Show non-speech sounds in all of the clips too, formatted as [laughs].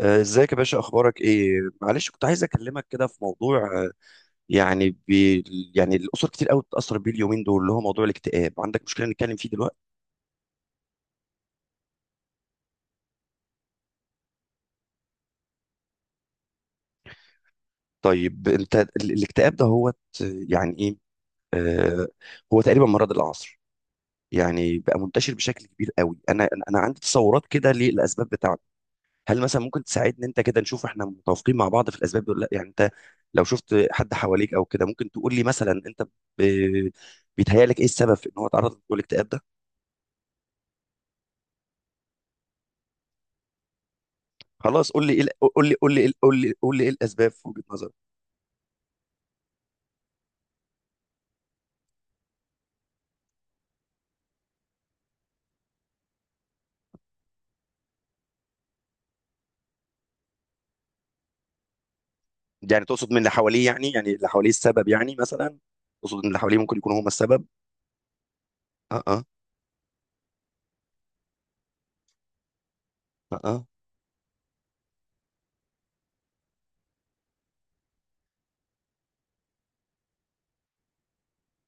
ازيك يا باشا، اخبارك ايه؟ معلش، كنت عايز اكلمك كده في موضوع. آه، يعني بي يعني الاسر كتير قوي بتتاثر بيه اليومين دول، اللي هو موضوع الاكتئاب. عندك مشكله نتكلم فيه دلوقتي؟ طيب انت الاكتئاب ده هو يعني ايه؟ آه هو تقريبا مرض العصر، يعني بقى منتشر بشكل كبير قوي. انا انا أنا عندي تصورات كده للاسباب بتاعته. هل مثلا ممكن تساعدني انت كده، نشوف احنا متوافقين مع بعض في الاسباب دول ولا لا؟ يعني انت لو شفت حد حواليك او كده، ممكن تقول لي مثلا انت ب- بيتهيألك ايه السبب في ان هو اتعرض للاكتئاب ده؟ خلاص، قول لي ايه ال- قول لي قول لي قول لي قول لي ايه الاسباب في وجهة نظرك. يعني تقصد من اللي حواليه؟ يعني اللي حواليه السبب؟ يعني مثلا تقصد ان اللي حواليه ممكن يكونوا هم السبب. اه اه اه.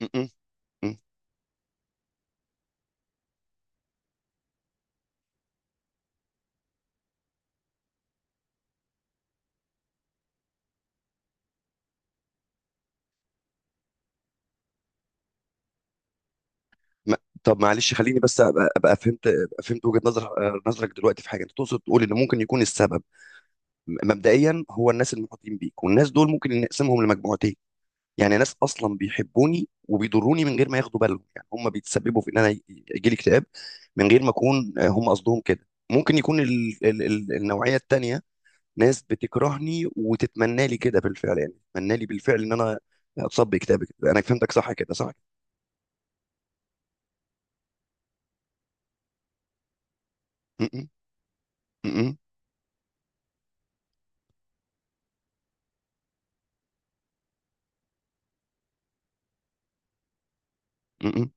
م- م- م. ما- طب معلش، خليني بس ابقى فهمت، ابقى فهمت وجهة نظر نظرك دلوقتي في حاجه. انت تقصد تقول ان ممكن يكون السبب مبدئيا هو الناس المحيطين بيك، والناس دول ممكن نقسمهم لمجموعتين. يعني ناس اصلا بيحبوني وبيضروني من غير ما ياخدوا بالهم، يعني هم بيتسببوا في ان انا يجي لي اكتئاب من غير ما اكون هم قصدهم كده. ممكن يكون ال ال ال النوعيه التانيه ناس بتكرهني وتتمنى لي كده بالفعل، يعني تتمنى لي بالفعل ان انا اتصاب باكتئاب كده. انا فهمتك صح كده، صح كده. م- م- م- م-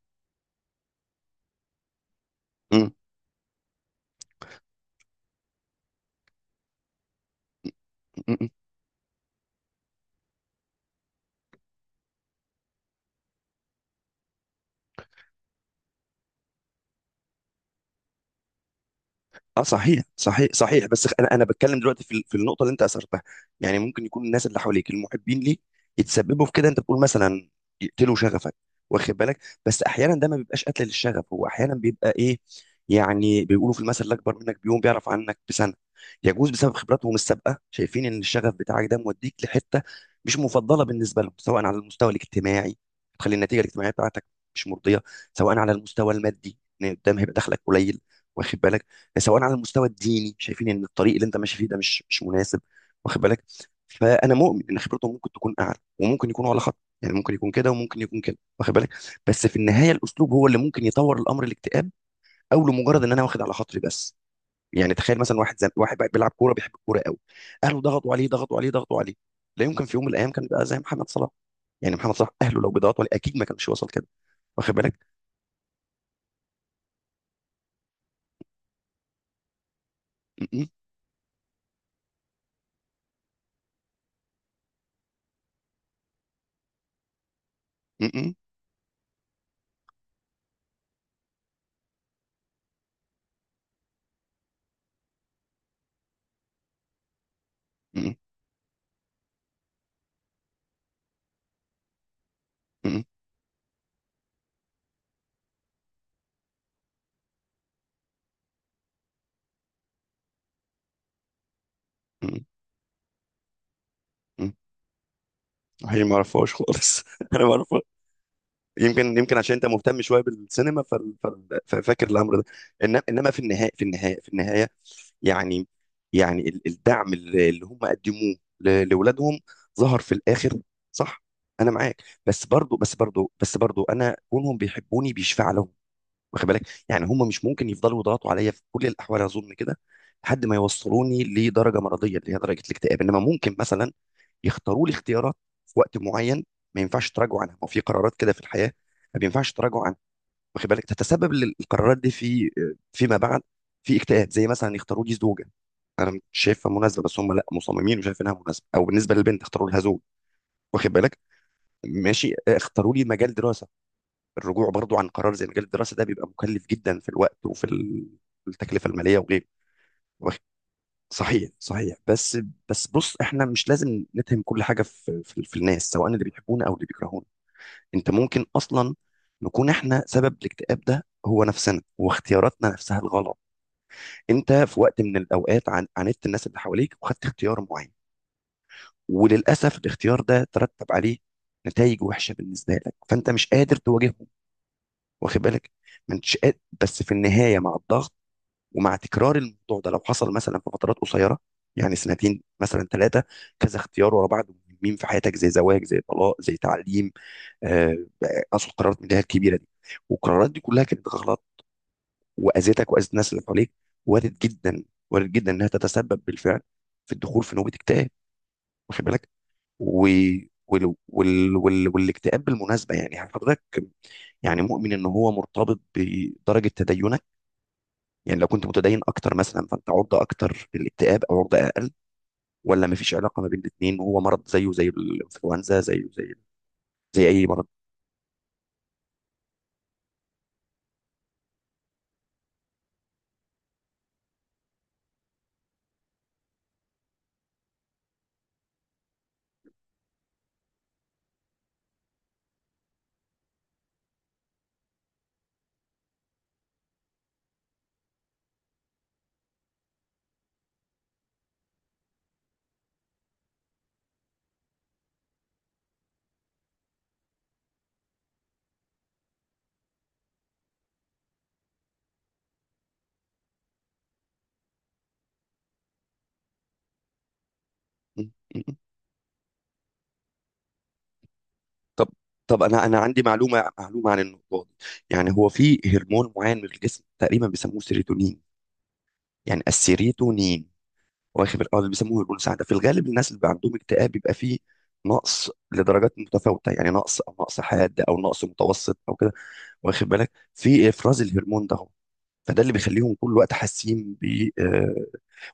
م- م- م- اه، صحيح صحيح صحيح. بس انا بتكلم دلوقتي في النقطه اللي انت اثرتها. يعني ممكن يكون الناس اللي حواليك المحبين ليك يتسببوا في كده. انت بتقول مثلا يقتلوا شغفك، واخد بالك؟ بس احيانا ده ما بيبقاش قتل للشغف، هو احيانا بيبقى ايه؟ يعني بيقولوا في المثل: الاكبر منك بيوم بيعرف عنك بسنه. يجوز بسبب خبراتهم السابقه شايفين ان الشغف بتاعك ده موديك لحته مش مفضله بالنسبه لهم، سواء على المستوى الاجتماعي، تخلي النتيجه الاجتماعيه بتاعتك مش مرضيه، سواء على المستوى المادي ان قدام هيبقى دخلك قليل، واخد بالك؟ سواء على المستوى الديني شايفين ان الطريق اللي انت ماشي فيه ده مش مناسب، واخد بالك؟ فانا مؤمن ان خبرتهم ممكن تكون اعلى، وممكن يكونوا على خط، يعني ممكن يكون كده وممكن يكون كده، واخد بالك؟ بس في النهايه الاسلوب هو اللي ممكن يطور الامر الاكتئاب، او لمجرد ان انا واخد على خاطري بس. يعني تخيل مثلا واحد بقى بيلعب كوره، بيحب الكوره قوي، اهله ضغطوا عليه ضغطوا عليه. لا يمكن في يوم من الايام كان بقى زي محمد صلاح. يعني محمد صلاح اهله لو بيضغطوا عليه اكيد ما كانش وصل كده، واخد بالك؟ م- م- م- م- م- م- م- م- هي ما اعرفهاش خالص، [laughs] انا ما اعرفها. يمكن عشان انت مهتم شويه بالسينما، ففاكر الامر ده. انما انما في النهايه، في النهايه، يعني الدعم اللي هم قدموه لاولادهم ظهر في الاخر، صح؟ انا معاك، بس برضو انا كونهم بيحبوني بيشفع لهم، واخد بالك؟ يعني هم مش ممكن يفضلوا يضغطوا عليا في كل الاحوال، اظن كده، لحد ما يوصلوني لدرجه مرضيه اللي هي درجه الاكتئاب. انما ممكن مثلا يختاروا لي اختيارات في وقت معين ما ينفعش تراجعوا عنها، ما هو في قرارات كده في الحياه ما ينفعش تراجعوا عنها، واخد بالك؟ تتسبب القرارات دي في فيما بعد في اكتئاب. زي مثلا يختاروا لي زوجه انا مش شايفها مناسبه بس هم لا مصممين وشايف انها مناسبه، او بالنسبه للبنت اختاروا لها زوج، واخد بالك؟ ماشي، اختاروا لي مجال دراسه، الرجوع برضو عن قرار زي مجال الدراسه ده بيبقى مكلف جدا في الوقت وفي التكلفه الماليه وغيره. صحيح صحيح. بس بص، احنا مش لازم نتهم كل حاجه في الناس سواء اللي بيحبونا او اللي بيكرهونا. انت ممكن اصلا نكون احنا سبب الاكتئاب ده، هو نفسنا واختياراتنا نفسها الغلط. انت في وقت من الاوقات عاندت الناس اللي حواليك وخدت اختيار معين، وللاسف الاختيار ده ترتب عليه نتائج وحشه بالنسبه لك، فانت مش قادر تواجههم، واخد بالك؟ ما انتش قادر. بس في النهايه مع الضغط ومع تكرار الموضوع ده، لو حصل مثلا في فترات قصيره، يعني سنتين مثلا 3، كذا اختيار ورا بعض مهمين في حياتك زي زواج، زي طلاق، زي تعليم، آه، اصل قرارات من اللي هي الكبيره دي، والقرارات دي كلها كانت غلط واذتك واذت الناس اللي حواليك، وارد جدا، وارد جدا انها تتسبب بالفعل في الدخول في نوبه اكتئاب، واخد بالك؟ و... وال... وال... وال... والاكتئاب بالمناسبه، يعني حضرتك يعني مؤمن ان هو مرتبط بدرجه تدينك؟ يعني لو كنت متدين اكتر مثلا، فانت عرضه اكتر للاكتئاب او عرضه اقل، ولا مفيش علاقه ما بين الاثنين، وهو مرض زيه زي الانفلونزا، زيه زي زي اي مرض؟ م- م. طب انا عندي معلومه، معلومه عن النقطه دي. يعني هو في هرمون معين من الجسم تقريبا بيسموه سيروتونين، يعني السيروتونين، واخد بالك؟ اه، اللي بيسموه هرمون السعاده. في الغالب الناس اللي بقى عندهم اكتئاب بيبقى فيه نقص لدرجات متفاوته، يعني نقص، او نقص حاد، او نقص متوسط، او كده، واخد بالك، في افراز الهرمون ده. فده اللي بيخليهم طول الوقت حاسين ب آه،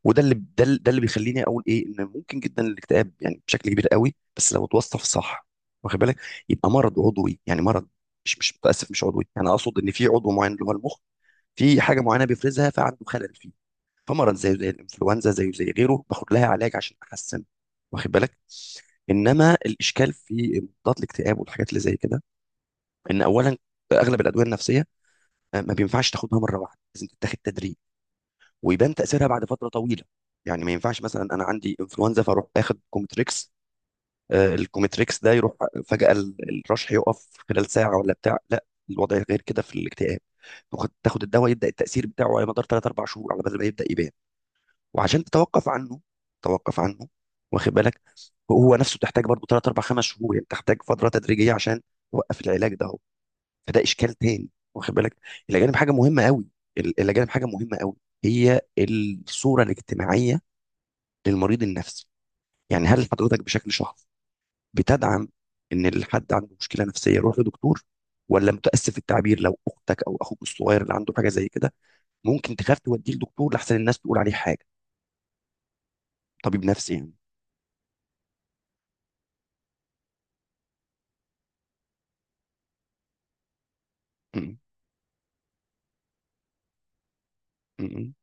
وده ده اللي بيخليني اقول ايه، ان ممكن جدا الاكتئاب يعني بشكل كبير قوي، بس لو اتوصف صح، واخد بالك، يبقى مرض عضوي. يعني مرض مش متاسف، مش عضوي، يعني اقصد ان في عضو معين اللي هو المخ في حاجه معينه بيفرزها فعنده خلل فيه. فمرض زيه زي الانفلونزا، زيه زي غيره، باخد لها علاج عشان احسن، واخد بالك؟ انما الاشكال في مضادات الاكتئاب والحاجات اللي زي كده، ان اولا اغلب الادويه النفسيه ما بينفعش تاخدها مره واحده، لازم تتاخد تدريج، ويبان تاثيرها بعد فتره طويله. يعني ما ينفعش مثلا انا عندي انفلونزا فاروح اخد كومتريكس، الكومتريكس ده يروح فجاه، الرشح يقف خلال ساعه ولا بتاع؟ لا، الوضع غير كده في الاكتئاب. تاخد الدواء يبدا التاثير بتاعه على مدار 3 4 شهور على بدل ما يبدا يبان، وعشان تتوقف عنه توقف عنه، واخد بالك؟ هو نفسه تحتاج برضه 3 4 5 شهور، يعني تحتاج فتره تدريجيه عشان توقف العلاج ده. فده اشكال تاني، واخد بالك. الاجانب حاجه مهمه قوي، الاجانب حاجه مهمه قوي، هي الصوره الاجتماعيه للمريض النفسي. يعني هل حضرتك بشكل شخصي بتدعم ان الحد عنده مشكله نفسيه يروح لدكتور، ولا متاسف التعبير، لو اختك او اخوك الصغير اللي عنده حاجه زي كده، ممكن تخاف توديه لدكتور لحسن الناس تقول عليه حاجه، طبيب نفسي يعني. م- م.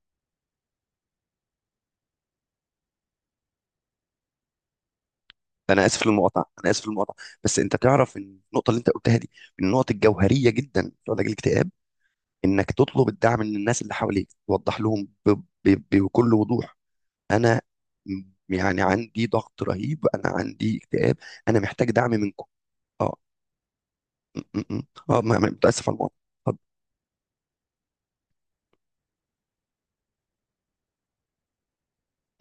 انا اسف للمقاطعه، بس انت تعرف ان النقطه اللي انت قلتها دي من النقط الجوهريه جدا في علاج الاكتئاب، انك تطلب الدعم من الناس اللي حواليك، توضح لهم بكل وضوح، انا م- يعني عندي ضغط رهيب، انا عندي اكتئاب، انا محتاج دعم منكم. اه. م. اه متاسف على الموضوع. طب.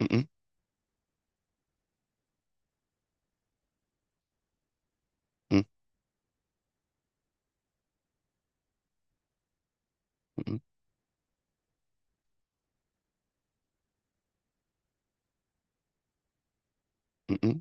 م- م- م- م- م.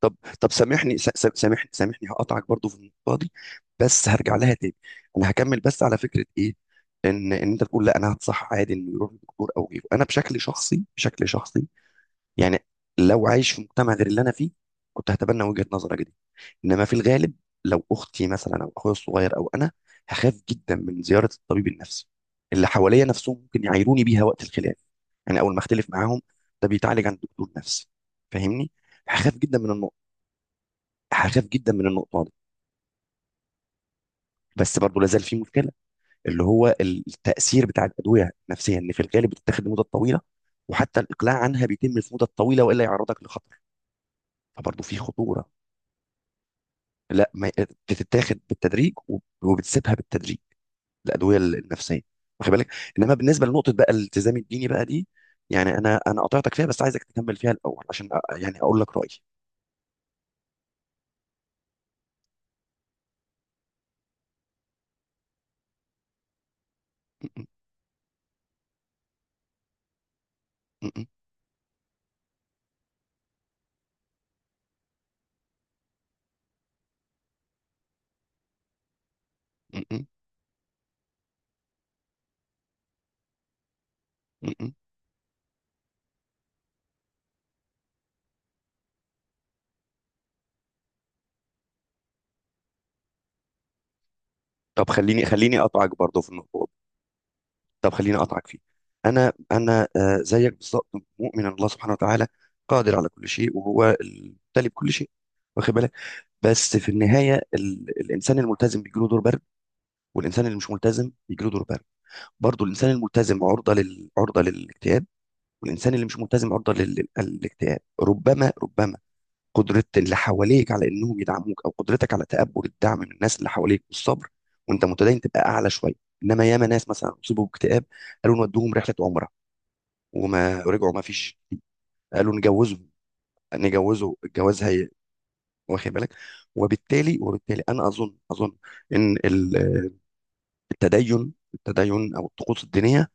طب سامحني، سامحني، هقطعك برضو في النقطه دي، بس هرجع لها تاني. انا هكمل بس على فكره ايه، ان انت بتقول لا انا هتصح عادي انه يروح للدكتور او غيره. انا بشكل شخصي، يعني لو عايش في مجتمع غير اللي انا فيه، كنت هتبنى وجهة نظرك دي. انما في الغالب لو اختي مثلا، او اخويا الصغير، او انا، هخاف جدا من زيارة الطبيب النفسي. اللي حواليا نفسهم ممكن يعايروني بيها وقت الخلاف، يعني اول ما اختلف معاهم: ده بيتعالج عند دكتور نفسي. فاهمني؟ هخاف جدا من النقطة، هخاف جدا من النقطة دي. بس برضه لازال في مشكلة، اللي هو التأثير بتاع الأدوية النفسية، إن في الغالب بتتاخد لمدة طويلة، وحتى الإقلاع عنها بيتم في مدة طويلة، وإلا يعرضك لخطر. فبرضه في خطورة. لا ما بتتاخد بالتدريج، وبتسيبها بالتدريج، الادويه النفسيه، واخد بالك؟ انما بالنسبه لنقطه بقى الالتزام الديني بقى دي، يعني انا قطعتك فيها، بس عايزك تكمل فيها الاول عشان يعني اقول لك رايي. م- م- م- م- م- م. طب خليني اقطعك برضه في النقطه دي. طب خليني اقطعك فيه. انا زيك بالظبط مؤمن ان الله سبحانه وتعالى قادر على كل شيء وهو المبتلي بكل شيء، واخد بالك؟ بس في النهايه الانسان الملتزم بيجيله دور برد، والانسان اللي مش ملتزم بيجيله دور برد. برضو الانسان الملتزم عرضه للاكتئاب، والانسان اللي مش ملتزم للاكتئاب، ربما قدرة اللي حواليك على انهم يدعموك، او قدرتك على تقبل الدعم من الناس اللي حواليك والصبر وانت متدين تبقى اعلى شويه. انما ياما ناس مثلا اصيبوا باكتئاب، قالوا نودوهم رحله عمره، وما ورجعوا ما فيش. قالوا نجوزهم، نجوزه الجواز هي، واخد بالك؟ وبالتالي انا اظن، ان التدين، التدين او الطقوس الدينيه،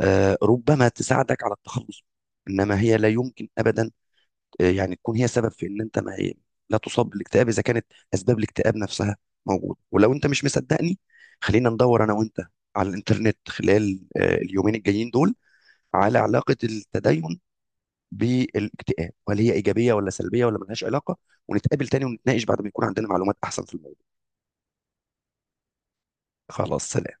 ربما تساعدك على التخلص منه، انما هي لا يمكن ابدا، يعني تكون هي سبب في ان انت ما لا تصاب بالاكتئاب اذا كانت اسباب الاكتئاب نفسها موجوده. ولو انت مش مصدقني، خلينا ندور انا وانت على الانترنت خلال اليومين الجايين دول على علاقه التدين بالاكتئاب، وهل هي ايجابيه ولا سلبيه ولا ملهاش علاقه، ونتقابل تاني ونتناقش بعد ما يكون عندنا معلومات احسن في الموضوع. خلاص، سلام.